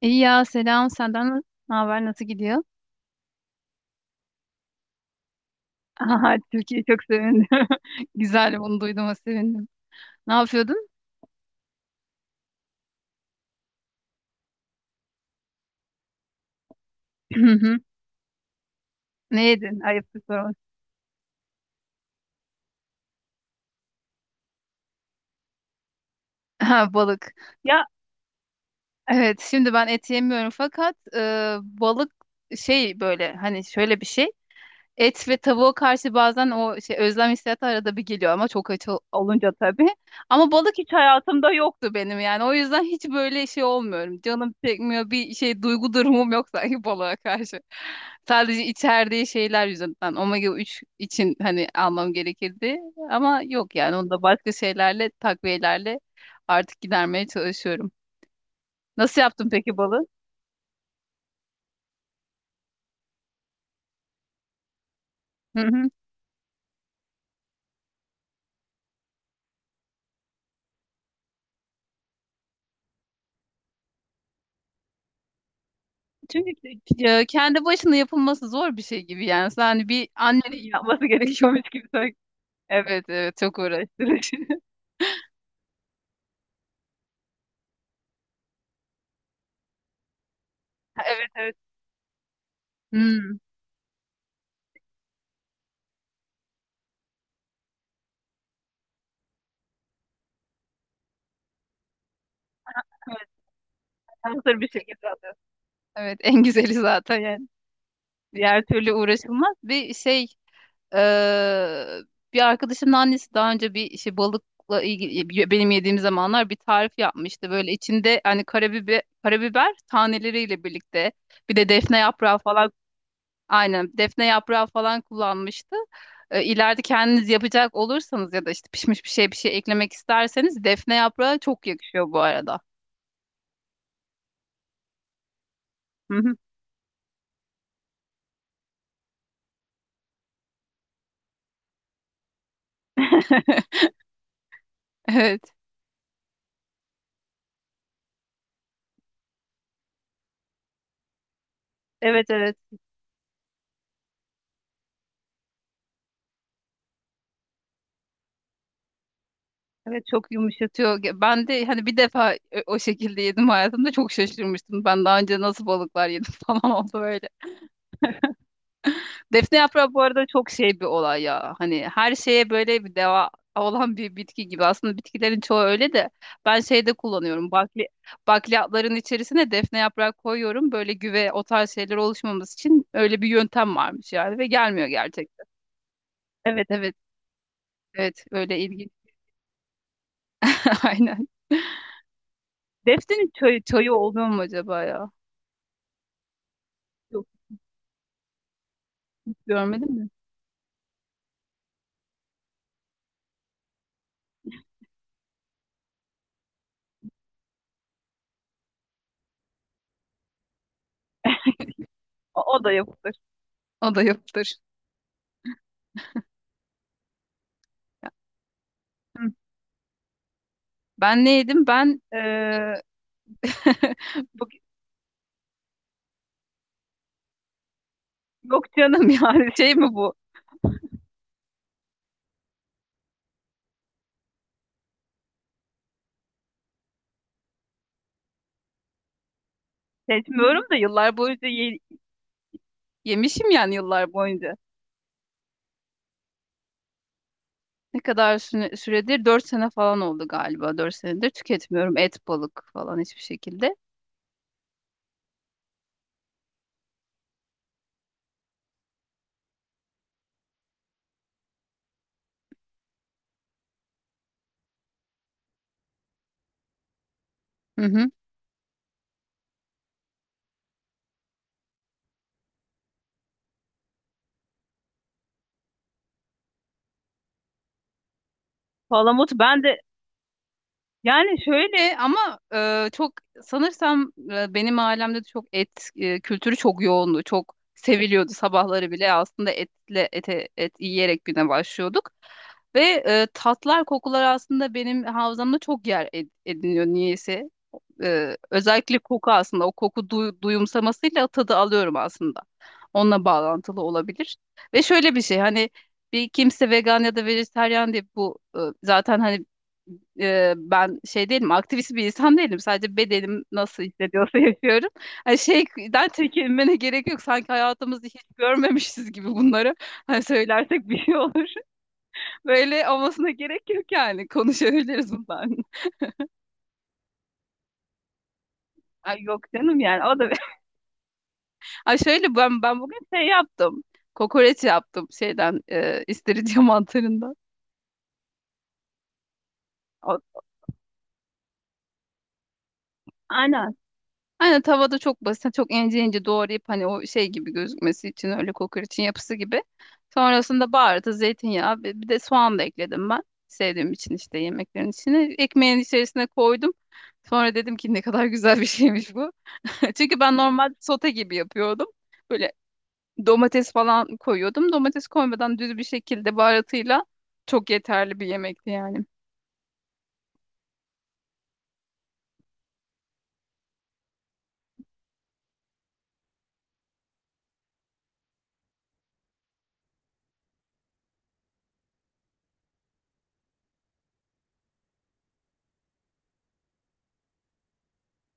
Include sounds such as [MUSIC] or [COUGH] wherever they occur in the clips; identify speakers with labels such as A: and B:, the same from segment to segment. A: İyi ya, selam senden, ne haber, nasıl gidiyor? [LAUGHS] Aha, Türkiye, çok sevindim. [LAUGHS] Güzel, bunu duyduğuma sevindim. Ne yapıyordun? [CLEARS THROAT] Hı hı. Ne yedin? Ayıptır sorması. Ha, balık. Ya evet, şimdi ben et yemiyorum fakat balık şey, böyle hani şöyle bir şey. Et ve tavuğa karşı bazen o şey özlem hissiyatı arada bir geliyor ama çok aç olunca tabii. Ama balık hiç hayatımda yoktu benim yani. O yüzden hiç böyle şey olmuyorum. Canım çekmiyor, bir şey duygu durumum yok sanki balığa karşı. Sadece içerdiği şeyler yüzünden. Omega 3 için hani almam gerekirdi. Ama yok yani, onu da başka şeylerle, takviyelerle artık gidermeye çalışıyorum. Nasıl yaptın peki balığı? [LAUGHS] Çünkü kendi başına yapılması zor bir şey gibi yani. Sen hani bir annenin [LAUGHS] yapması gerekiyormuş gibi, sanki. Evet evet, çok uğraştırıcı. [LAUGHS] Evet evet. Hmm. Hazır bir şekilde alıyorsun. Evet, [LAUGHS] en güzeli zaten yani. Diğer türlü uğraşılmaz. Bir şey e, bir arkadaşımın annesi daha önce bir şey balıkla ilgili, benim yediğim zamanlar, bir tarif yapmıştı. Böyle içinde hani karabiber taneleriyle birlikte, bir de defne yaprağı falan. Aynen. Defne yaprağı falan kullanmıştı. İleride kendiniz yapacak olursanız ya da işte pişmiş bir şey bir şey eklemek isterseniz, defne yaprağı çok yakışıyor bu arada. Hı hı. [LAUGHS] Evet. Evet evet. Evet, çok yumuşatıyor. Ben de hani bir defa o şekilde yedim, hayatımda çok şaşırmıştım. Ben daha önce nasıl balıklar yedim [LAUGHS] falan oldu böyle. Defne yaprağı bu arada çok şey bir olay ya. Hani her şeye böyle bir deva olan bir bitki gibi. Aslında bitkilerin çoğu öyle de, ben şeyde kullanıyorum. Bakliyatların içerisine defne yaprağı koyuyorum. Böyle güve, o tarz şeyler oluşmaması için öyle bir yöntem varmış yani, ve gelmiyor gerçekten. Evet evet, evet, öyle ilginç. [LAUGHS] Aynen. Defnenin çayı oluyor mu acaba ya? Yok, görmedim mi? O da yapılır. O da yapılır. Hı. Ben ne yedim? Ben [LAUGHS] bu. Yok canım yani, [LAUGHS] şey mi bu? Seçmiyorum da, yıllar boyunca yemişim yani, yıllar boyunca. Ne kadar süredir? 4 sene falan oldu galiba. 4 senedir tüketmiyorum et, balık falan hiçbir şekilde. Hı hı. Palamut, ben de yani şöyle, ama çok sanırsam, benim ailemde de çok et kültürü çok yoğundu. Çok seviliyordu, sabahları bile aslında ete, et yiyerek güne başlıyorduk. Ve tatlar, kokular aslında benim havzamda çok yer ediniyor niyeyse. E, özellikle koku, aslında o koku duyumsamasıyla tadı alıyorum aslında. Onunla bağlantılı olabilir. Ve şöyle bir şey, hani bir kimse vegan ya da vejetaryen diye bu, zaten hani, ben şey değilim, aktivist bir insan değilim. Sadece bedenim nasıl hissediyorsa [LAUGHS] yapıyorum. Hani şeyden çekinmene gerek yok, sanki hayatımızı hiç görmemişiz gibi bunları. Hani söylersek bir şey olur. [LAUGHS] Böyle olmasına gerek yok yani. Konuşabiliriz bundan. [LAUGHS] Ay, yok canım yani. O da. Ay, şöyle, ben bugün şey yaptım. Kokoreç yaptım, şeyden, istiridye [LAUGHS] mantarından. O- Aynen. Aynen tavada, çok basit, çok ince ince doğrayıp hani o şey gibi gözükmesi için, öyle kokoreçin yapısı gibi. Sonrasında baharatı, zeytinyağı, bir de soğan da ekledim ben. Sevdiğim için işte yemeklerin içine. Ekmeğin içerisine koydum. Sonra dedim ki ne kadar güzel bir şeymiş bu. [LAUGHS] Çünkü ben normal sote gibi yapıyordum. Böyle domates falan koyuyordum. Domates koymadan, düz bir şekilde baharatıyla, çok yeterli bir yemekti yani.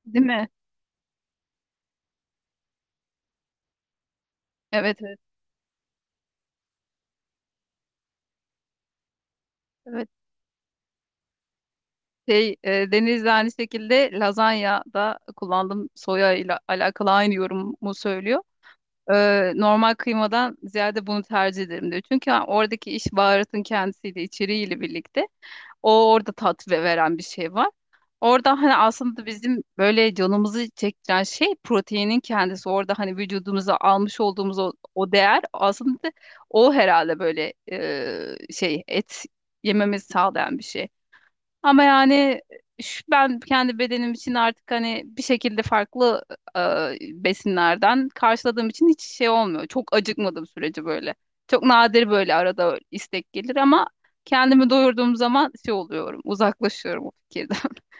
A: Değil mi? Evet evet. Evet. Şey, Deniz'de aynı şekilde lazanya da kullandım. Soya ile alakalı aynı yorumu söylüyor. E, normal kıymadan ziyade bunu tercih ederim diyor. Çünkü oradaki iş baharatın kendisiyle, içeriğiyle birlikte, o orada tat veren bir şey var. Orada hani aslında bizim böyle canımızı çektiren şey proteinin kendisi. Orada hani vücudumuza almış olduğumuz o değer aslında, o herhalde böyle, şey et yememizi sağlayan bir şey. Ama yani, şu, ben kendi bedenim için artık hani bir şekilde farklı besinlerden karşıladığım için, hiç şey olmuyor. Çok acıkmadığım sürece böyle. Çok nadir böyle arada istek gelir ama kendimi doyurduğum zaman şey oluyorum, uzaklaşıyorum o fikirden. [LAUGHS]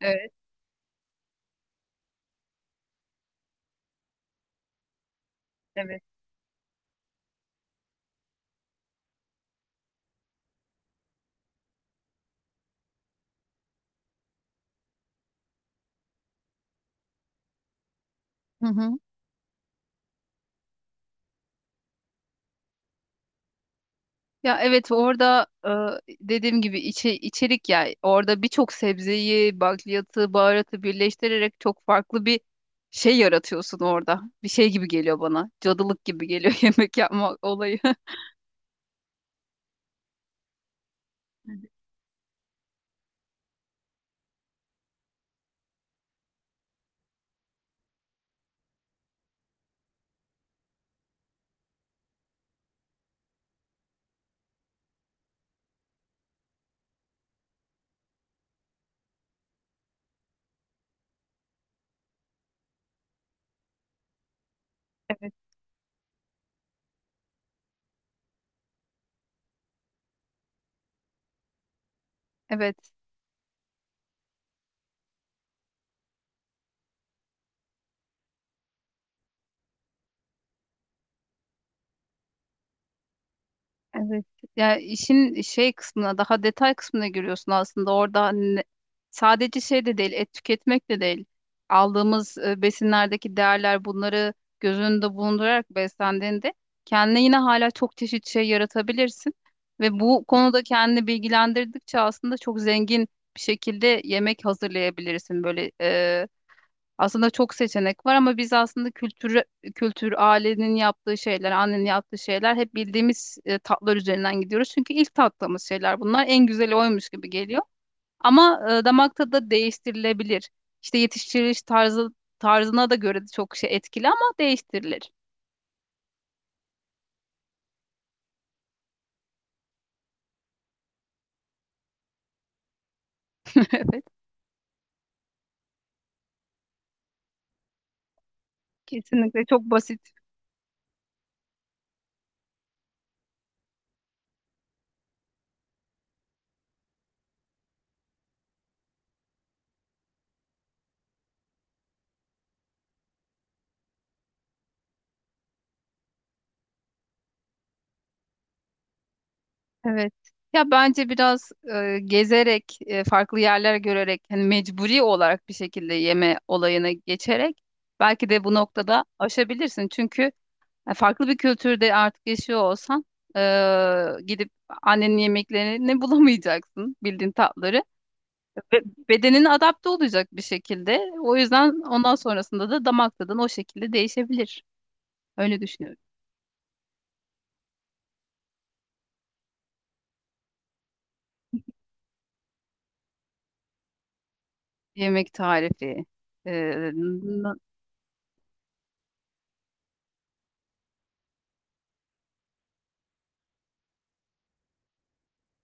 A: Evet, evet. Hı hı. Ya evet, orada dediğim gibi, içerik ya, orada birçok sebzeyi, bakliyatı, baharatı birleştirerek çok farklı bir şey yaratıyorsun orada. Bir şey gibi geliyor bana. Cadılık gibi geliyor [LAUGHS] yemek yapma olayı. [LAUGHS] Evet. Evet. Evet. Yani işin şey kısmına, daha detay kısmına giriyorsun aslında. Orada hani sadece şey de değil, et tüketmek de değil. Aldığımız besinlerdeki değerler, bunları göz önünde bulundurarak beslendiğinde, kendine yine hala çok çeşit şey yaratabilirsin. Ve bu konuda kendini bilgilendirdikçe aslında çok zengin bir şekilde yemek hazırlayabilirsin. Böyle, aslında çok seçenek var ama biz aslında, kültür, ailenin yaptığı şeyler, annenin yaptığı şeyler, hep bildiğimiz tatlar üzerinden gidiyoruz. Çünkü ilk tattığımız şeyler bunlar. En güzeli oymuş gibi geliyor. Ama damak tadı da değiştirilebilir. İşte yetiştiriliş tarzına da göre de çok şey etkili, ama değiştirilir. [LAUGHS] Evet, kesinlikle çok basit. Evet. Ya bence biraz gezerek, farklı yerler görerek, hani mecburi olarak bir şekilde yeme olayına geçerek, belki de bu noktada aşabilirsin. Çünkü farklı bir kültürde artık yaşıyor olsan, gidip annenin yemeklerini [LAUGHS] bulamayacaksın, bildiğin tatları. Ve bedenine adapte olacak bir şekilde. O yüzden ondan sonrasında da damak tadın o şekilde değişebilir. Öyle düşünüyorum. Yemek tarifi. e,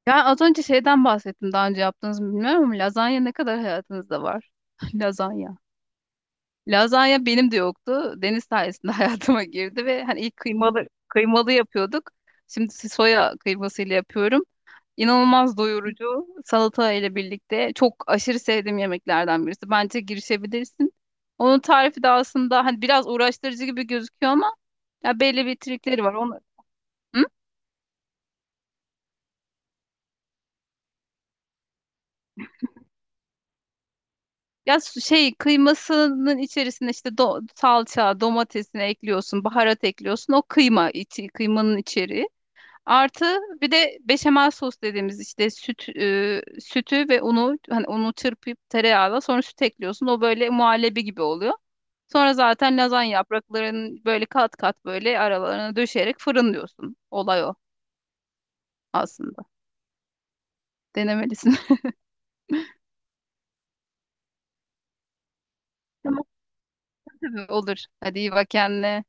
A: Ya az önce şeyden bahsettim, daha önce yaptınız mı bilmiyorum, ama lazanya ne kadar hayatınızda var? [LAUGHS] Lazanya. Lazanya benim de yoktu. Deniz sayesinde [LAUGHS] hayatıma girdi, ve hani ilk kıymalı kıymalı yapıyorduk. Şimdi soya kıymasıyla yapıyorum. İnanılmaz doyurucu, salata ile birlikte çok aşırı sevdiğim yemeklerden birisi. Bence girişebilirsin. Onun tarifi de aslında hani biraz uğraştırıcı gibi gözüküyor ama ya, belli bir trikleri var. Onu... Hı? Ya şey kıymasının içerisine işte salça, domatesini ekliyorsun, baharat ekliyorsun. O kıyma içi, kıymanın içeriği. Artı, bir de beşamel sos dediğimiz işte süt, sütü ve unu, hani unu çırpıp tereyağla sonra süt ekliyorsun. O böyle muhallebi gibi oluyor. Sonra zaten lazanya yapraklarını böyle kat kat böyle aralarına döşeyerek fırınlıyorsun. Olay o aslında. Denemelisin. [LAUGHS] Tamam, tabii olur. Hadi, iyi bak kendine.